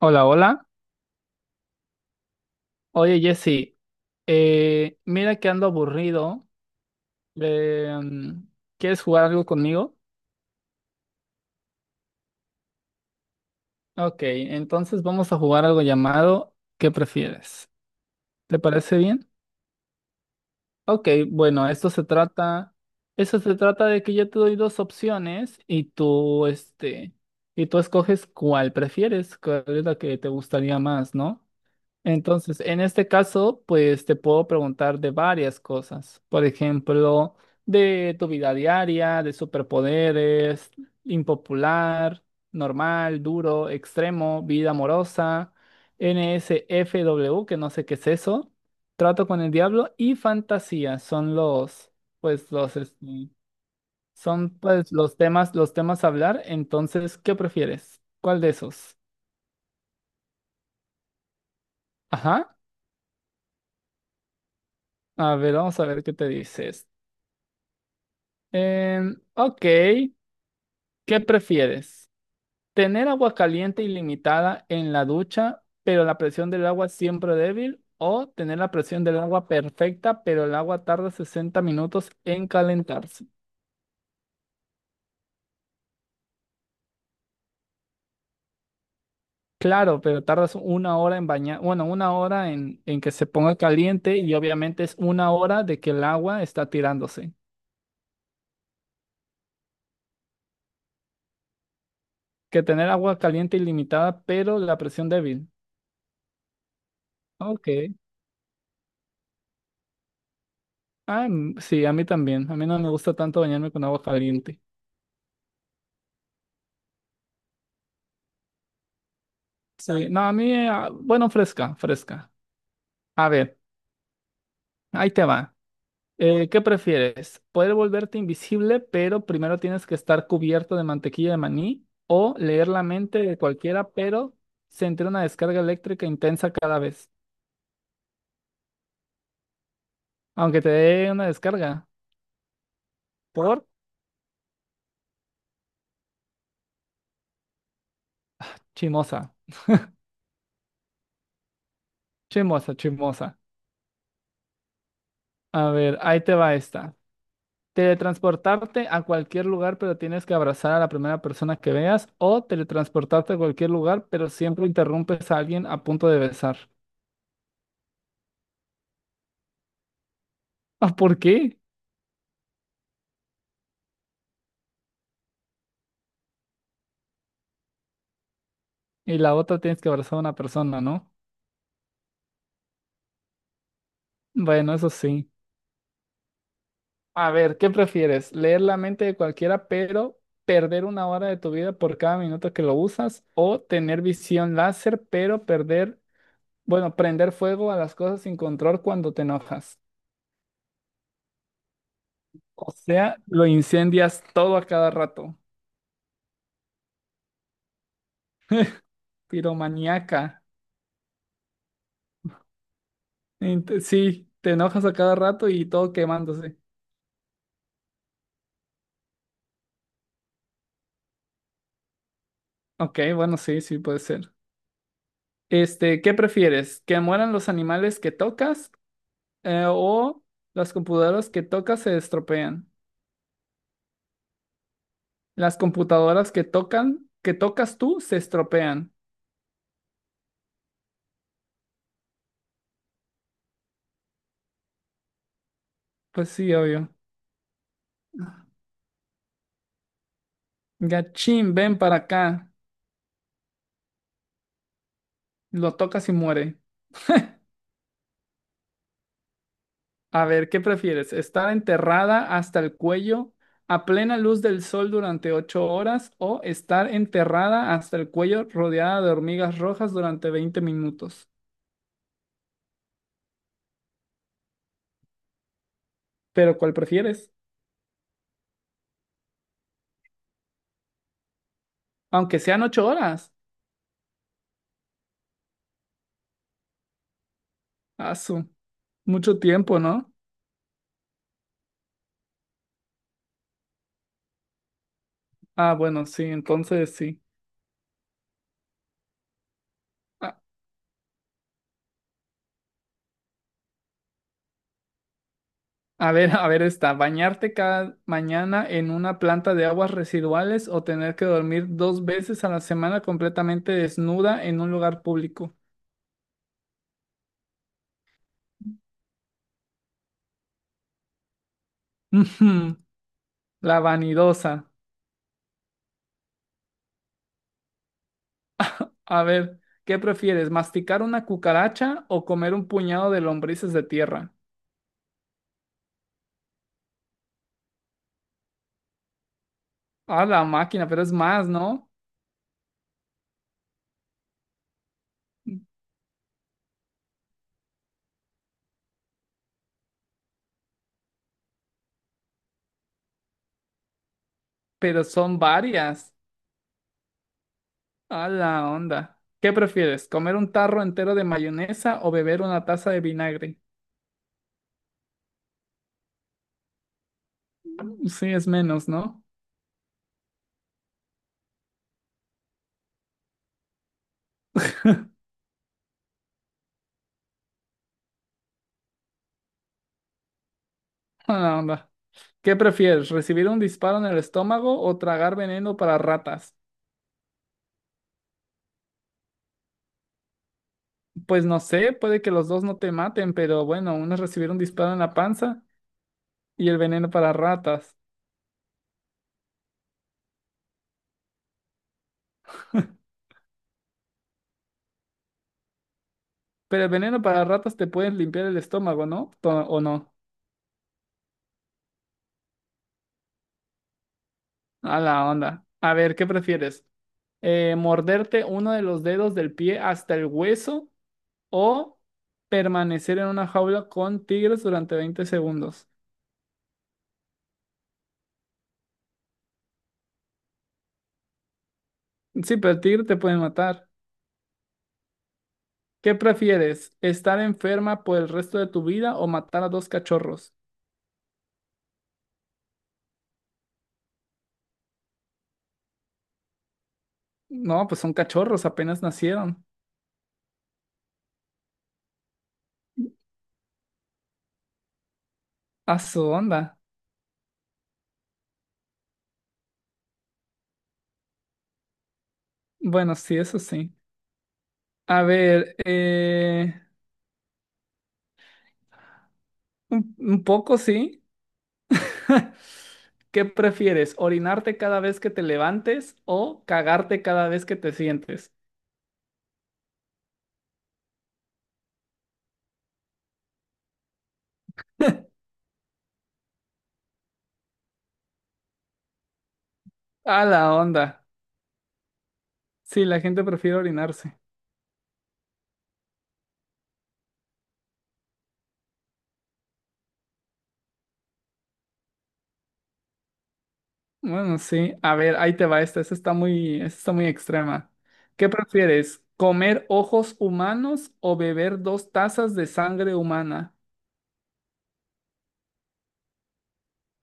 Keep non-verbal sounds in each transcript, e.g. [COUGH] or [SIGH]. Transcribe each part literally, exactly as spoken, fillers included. Hola, hola. Oye, Jesse, eh, mira que ando aburrido. Eh, mm, ¿Quieres jugar algo conmigo? Ok, entonces vamos a jugar algo llamado ¿Qué prefieres? ¿Te parece bien? Ok, bueno, esto se trata, esto se trata de que yo te doy dos opciones y tú, este, y tú escoges cuál prefieres, cuál es la que te gustaría más, ¿no? Entonces, en este caso, pues te puedo preguntar de varias cosas. Por ejemplo, de tu vida diaria, de superpoderes, impopular, normal, duro, extremo, vida amorosa, N S F W, que no sé qué es eso, trato con el diablo y fantasía. Son los, pues los, este, son pues los temas, los temas a hablar. Entonces, ¿qué prefieres? ¿Cuál de esos? Ajá. A ver, vamos a ver qué te dice. Em, ok, ¿qué prefieres? ¿Tener agua caliente ilimitada en la ducha, pero la presión del agua siempre débil? ¿O tener la presión del agua perfecta, pero el agua tarda sesenta minutos en calentarse? Claro, pero tardas una hora en bañar, bueno, una hora en, en que se ponga caliente y obviamente es una hora de que el agua está tirándose. Que tener agua caliente ilimitada, pero la presión débil. Ok. Ah, mm, sí, a mí también. A mí no me gusta tanto bañarme con agua caliente. Sí, no, a mí, eh, ah, bueno, fresca, fresca. A ver, ahí te va. Eh, ¿qué prefieres? ¿Poder volverte invisible, pero primero tienes que estar cubierto de mantequilla de maní? ¿O leer la mente de cualquiera, pero sentir una descarga eléctrica intensa cada vez? Aunque te dé una descarga. ¿Por? Chimosa, chimosa, chimosa. A ver, ahí te va esta. Teletransportarte a cualquier lugar, pero tienes que abrazar a la primera persona que veas. O teletransportarte a cualquier lugar, pero siempre interrumpes a alguien a punto de besar. [LAUGHS] Ah, ¿por qué? Y la otra tienes que abrazar a una persona, ¿no? Bueno, eso sí. A ver, ¿qué prefieres? ¿Leer la mente de cualquiera, pero perder una hora de tu vida por cada minuto que lo usas? ¿O tener visión láser, pero perder, bueno, prender fuego a las cosas sin control cuando te enojas? O sea, lo incendias todo a cada rato. Piromaníaca. Ent- Sí, te enojas a cada rato y todo quemándose. Ok, bueno, sí, sí puede ser. Este, ¿qué prefieres? ¿Que mueran los animales que tocas eh, o las computadoras que tocas se estropean? Las computadoras que tocan, que tocas tú se estropean. Pues sí, obvio. Gachín, ven para acá. Lo tocas y muere. A ver, ¿qué prefieres? ¿Estar enterrada hasta el cuello a plena luz del sol durante ocho horas o estar enterrada hasta el cuello rodeada de hormigas rojas durante veinte minutos? Pero ¿cuál prefieres? Aunque sean ocho horas. Ah, su, mucho tiempo, ¿no? Ah, bueno, sí, entonces sí. A, a ver, [LAUGHS] a ver esta. ¿Bañarte cada mañana en una planta de aguas residuales o tener que dormir dos veces a la semana completamente desnuda en un lugar público? [LAUGHS] La vanidosa. A ver, ¿qué prefieres? ¿Masticar una cucaracha o comer un puñado de lombrices de tierra? A la máquina, pero es más, ¿no? Pero son varias. A la onda. ¿Qué prefieres? ¿Comer un tarro entero de mayonesa o beber una taza de vinagre? Sí, es menos, ¿no? A la onda. ¿Qué prefieres? ¿Recibir un disparo en el estómago o tragar veneno para ratas? Pues no sé, puede que los dos no te maten, pero bueno, uno es recibir un disparo en la panza y el veneno para ratas. Pero el veneno para ratas te pueden limpiar el estómago, ¿no? To- ¿O no? A la onda. A ver, ¿qué prefieres? Eh, ¿morderte uno de los dedos del pie hasta el hueso o permanecer en una jaula con tigres durante 20 segundos? Sí, pero el tigre te puede matar. ¿Qué prefieres? ¿Estar enferma por el resto de tu vida o matar a dos cachorros? No, pues son cachorros, apenas nacieron. A su onda. Bueno, sí, eso sí. A ver, eh, un un poco sí. [LAUGHS] ¿Qué prefieres? ¿Orinarte cada vez que te levantes o cagarte cada vez que te sientes? A la onda. Sí, la gente prefiere orinarse. Bueno, sí. A ver, ahí te va esta. Esta está muy, esta está muy extrema. ¿Qué prefieres? ¿Comer ojos humanos o beber dos tazas de sangre humana?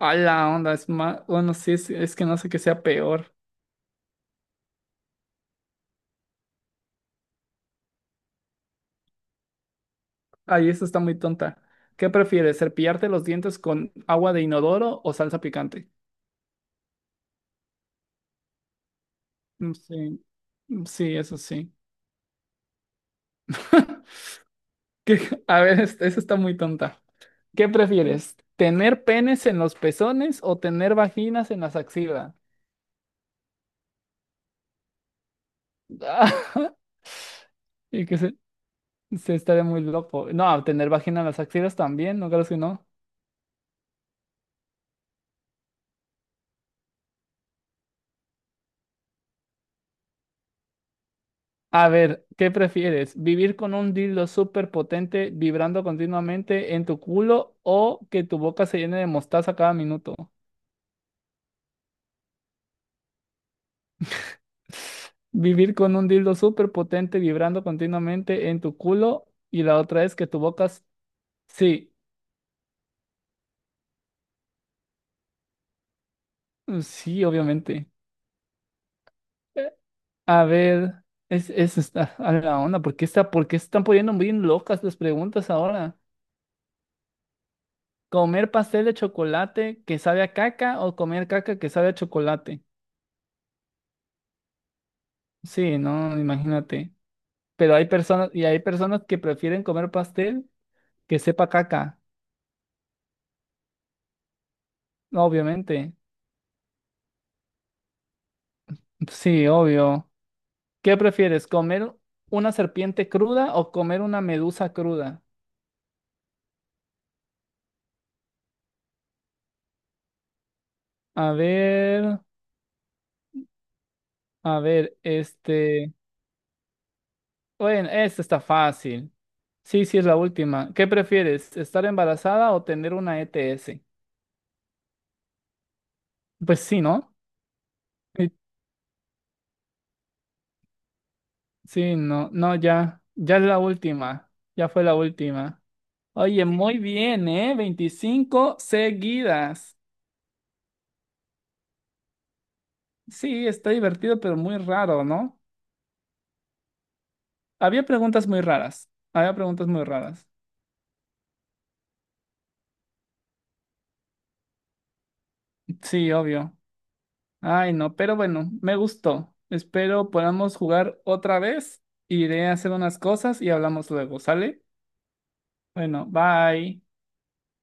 A la onda. Es más. Bueno, sí, es, es que no sé qué sea peor. Ahí esta está muy tonta. ¿Qué prefieres? ¿Cepillarte los dientes con agua de inodoro o salsa picante? Mm, Sí. Mm, sí, eso sí. [LAUGHS] ¿Qué- A ver, es- esa está muy tonta. ¿Qué prefieres? ¿Tener penes en los pezones o tener vaginas en las axilas? [LAUGHS] Y que se, se estaría muy loco. No, tener vagina en las axilas también, no creo que no. A ver, ¿qué prefieres? ¿Vivir con un dildo súper potente vibrando continuamente en tu culo o que tu boca se llene de mostaza cada minuto? [SIGHS] Vivir con un dildo súper potente vibrando continuamente en tu culo y la otra es que tu boca s- Sí, mm, sí, obviamente. Eh, A ver, es, es está a la onda. ¿Por qué está, por qué se están poniendo bien locas las preguntas ahora? ¿Comer pastel de chocolate que sabe a caca o comer caca que sabe a chocolate? Sí, no, imagínate. Pero hay personas, y hay personas que prefieren comer pastel que sepa caca, obviamente. Sí, obvio. ¿Qué prefieres, comer una serpiente cruda o comer una medusa cruda? A ver, a ver, este. Bueno, esta está fácil. Sí, sí, es la última. ¿Qué prefieres, estar embarazada o tener una E T S? Pues sí, ¿no? Sí, sí, no, no, ya, ya es la última. Ya fue la última. Oye, muy bien, ¿eh? Veinticinco seguidas. Sí, está divertido, pero muy raro, ¿no? Había preguntas muy raras. Había preguntas muy raras. Sí, obvio. Ay, no, pero bueno, me gustó. Espero podamos jugar otra vez. Iré a hacer unas cosas y hablamos luego, ¿sale? Bueno, bye.